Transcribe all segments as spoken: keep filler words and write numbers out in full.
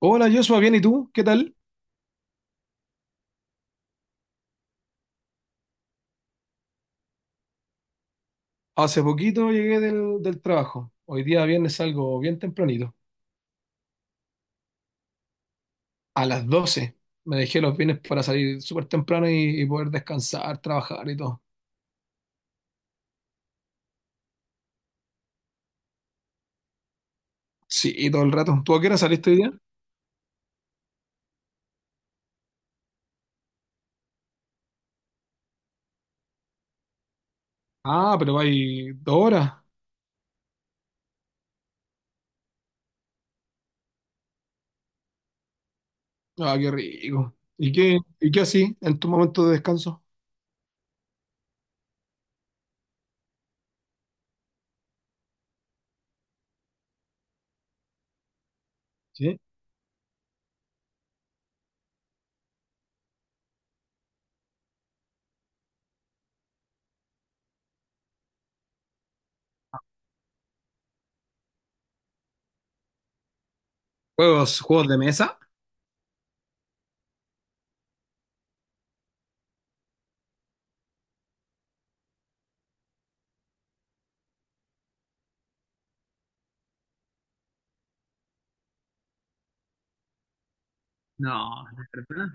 Hola Joshua, bien, ¿y tú? ¿Qué tal? Hace poquito llegué del, del trabajo. Hoy día viernes salgo bien tempranito. A las doce me dejé los viernes para salir súper temprano y, y poder descansar, trabajar y todo. Sí, y todo el rato. ¿Tú a qué hora saliste hoy día? Ah, pero hay dos horas. Ah, qué rico. ¿Y qué, y qué así en tu momento de descanso? ¿Sí? ¿Juegos, juegos de mesa? No, ¿de verdad?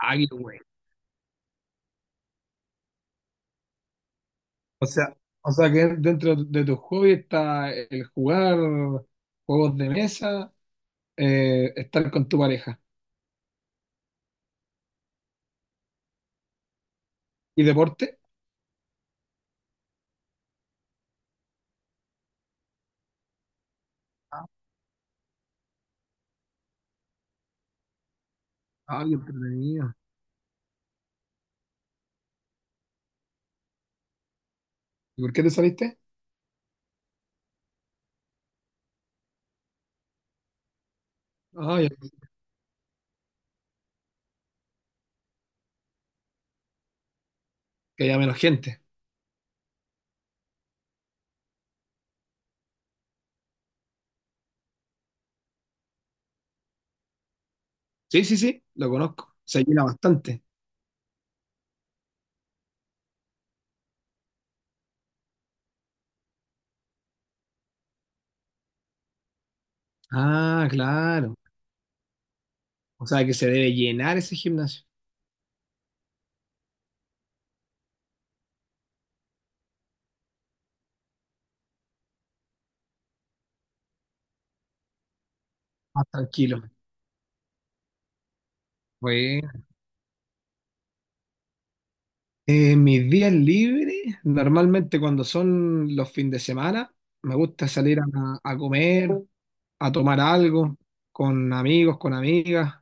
Ah, qué güey. O sea, o sea que dentro de tus hobbies está el jugar juegos de mesa. Eh, estar con tu pareja. ¿Y deporte? Ah, ah, qué entretenido. ¿Y por qué te saliste? Ah, ya- que haya menos gente. Sí, sí, sí, lo conozco. Se llena bastante. Ah, claro. O sea que se debe llenar ese gimnasio. Más tranquilo. Bueno. Eh, mis días libres, normalmente cuando son los fines de semana, me gusta salir a, a comer, a tomar algo, con amigos, con amigas.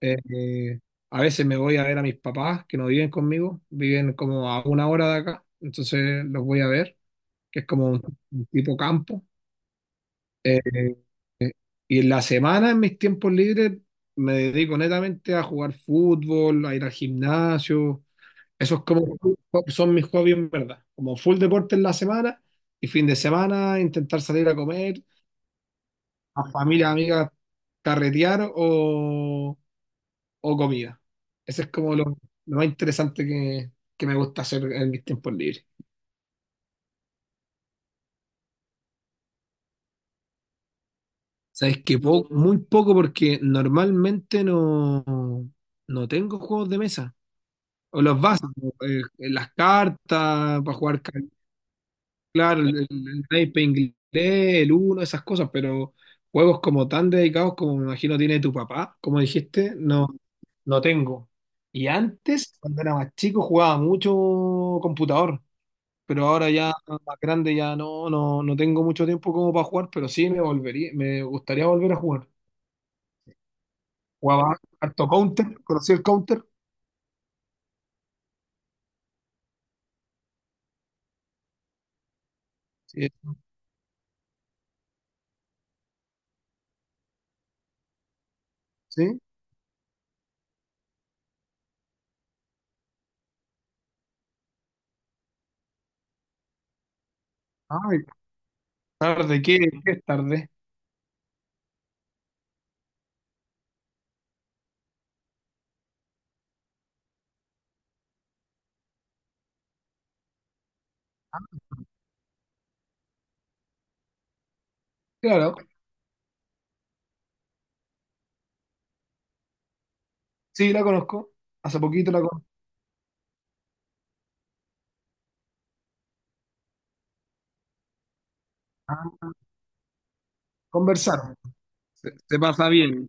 Eh, eh, a veces me voy a ver a mis papás que no viven conmigo, viven como a una hora de acá, entonces los voy a ver, que es como un, un tipo campo. Eh, y en la semana, en mis tiempos libres, me dedico netamente a jugar fútbol, a ir al gimnasio. Esos como, son mis hobbies en verdad, como full deporte en la semana y fin de semana intentar salir a comer, a familia, amigas, carretear o o comida. Ese es como lo, lo más interesante que, que me gusta hacer en mis tiempos libres. Sabes que po- muy poco porque normalmente no, no tengo juegos de mesa. O los vasos, eh, las cartas, para jugar, ca- claro, el, el- el naipe inglés, el uno, esas cosas, pero juegos como tan dedicados como me imagino tiene tu papá, como dijiste, no, no tengo. Y antes, cuando era más chico, jugaba mucho computador. Pero ahora ya más grande ya no, no, no tengo mucho tiempo como para jugar, pero sí me volvería, me gustaría volver a jugar. Jugaba harto Counter, conocí el Counter, sí, sí. Ay, tarde, ¿qué, qué es tarde? Claro, sí la conozco, hace poquito la con- ah, conversaron, se, se pasa bien,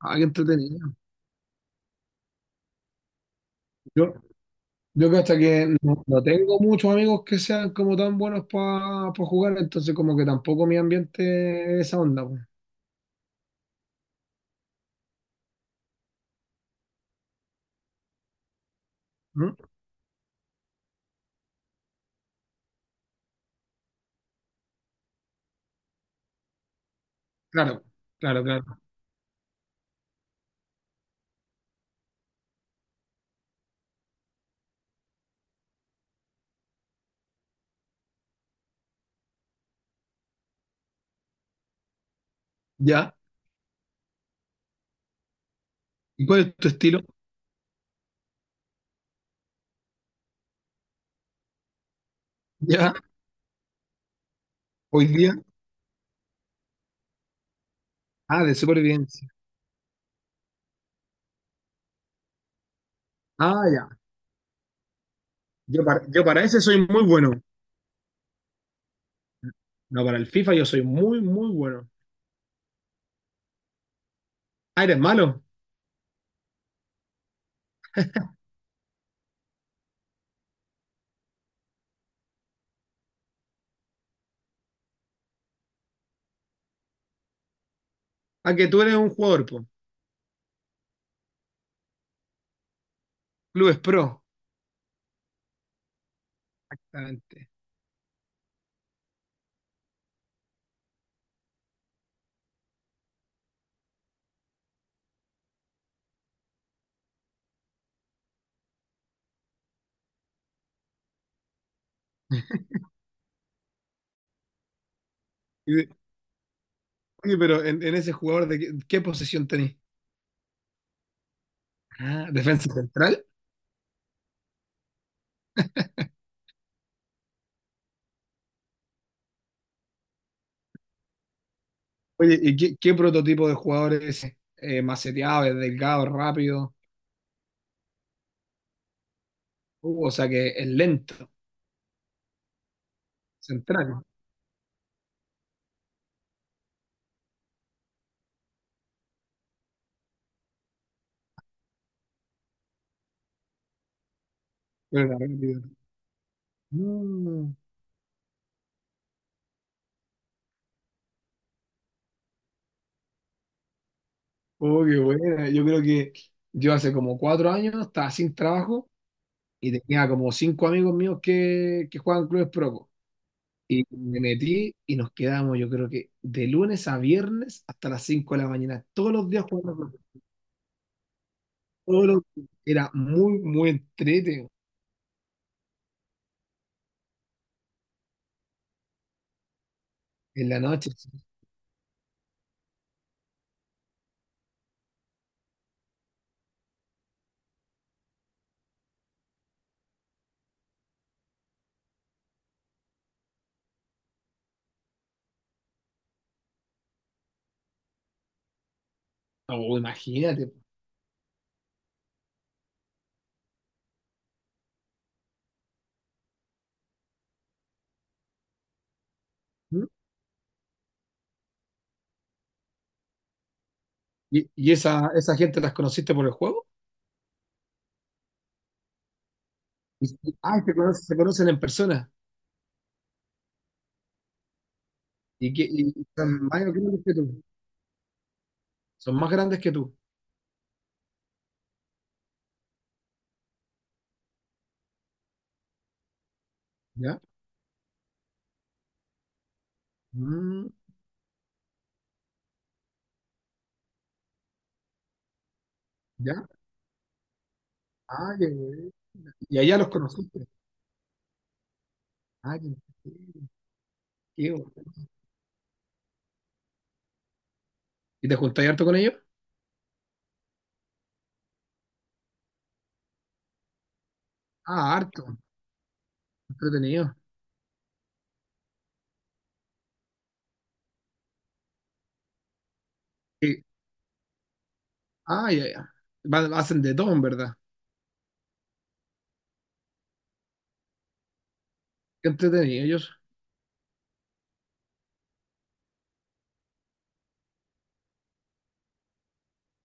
ah, qué entretenido. Yo, yo que hasta que no, no tengo muchos amigos que sean como tan buenos para jugar, entonces como que tampoco mi ambiente es esa onda, pues. ¿Mm? Claro, claro, claro. ¿Ya? ¿Y cuál es tu estilo? Ya, hoy día. Ah, de supervivencia. Ah, ya. Yo para, yo para ese soy muy bueno. No, para el FIFA yo soy muy, muy bueno. Ah, eres malo. Ah, que tú eres un jugador, po. Clubes Pro. Exactamente. Y de- oye, pero en, en ese jugador, ¿de qué, qué posición tenés? Ah, ¿defensa central? Oye, ¿y qué, qué prototipo de jugador es ese? Eh, maceteado, es delgado, rápido. Uh, o sea que es lento. Central. Pero era rápido. Mm. Oh, qué buena. Yo creo que yo hace como cuatro años estaba sin trabajo y tenía como cinco amigos míos que, que juegan clubes pro. Y me metí y nos quedamos, yo creo que de lunes a viernes hasta las cinco de la mañana, todos los días jugando. Pro. Todos los días. Era muy, muy entrete en la noche. Oh, imagínate. ¿Mm? ¿Y, y esa, esa gente las conociste por el juego? Y- y- Ah, se conocen, se conocen en persona. Y, que, y son más grandes que tú. Son más grandes que tú. ¿Ya? Mm, ¿Ya? Ah, ya, güey. Y allá los conociste. Ah, qué entretenido, qué bueno. ¿Y te juntáis harto con ellos? Ah, harto. Entretenido. Sí. Ah, ya, ya. Van- hacen de todo, en verdad. Qué entretenido ellos.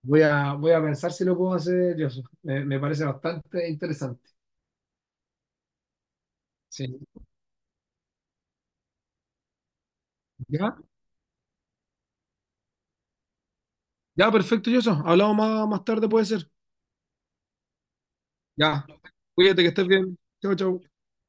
Voy a, voy a pensar si lo puedo hacer yo. Me, me parece bastante interesante. Sí. ¿Ya? Ya, perfecto, Yoso. Hablamos más, más tarde, puede ser. Ya. Cuídate, que estés bien. Chao, chao.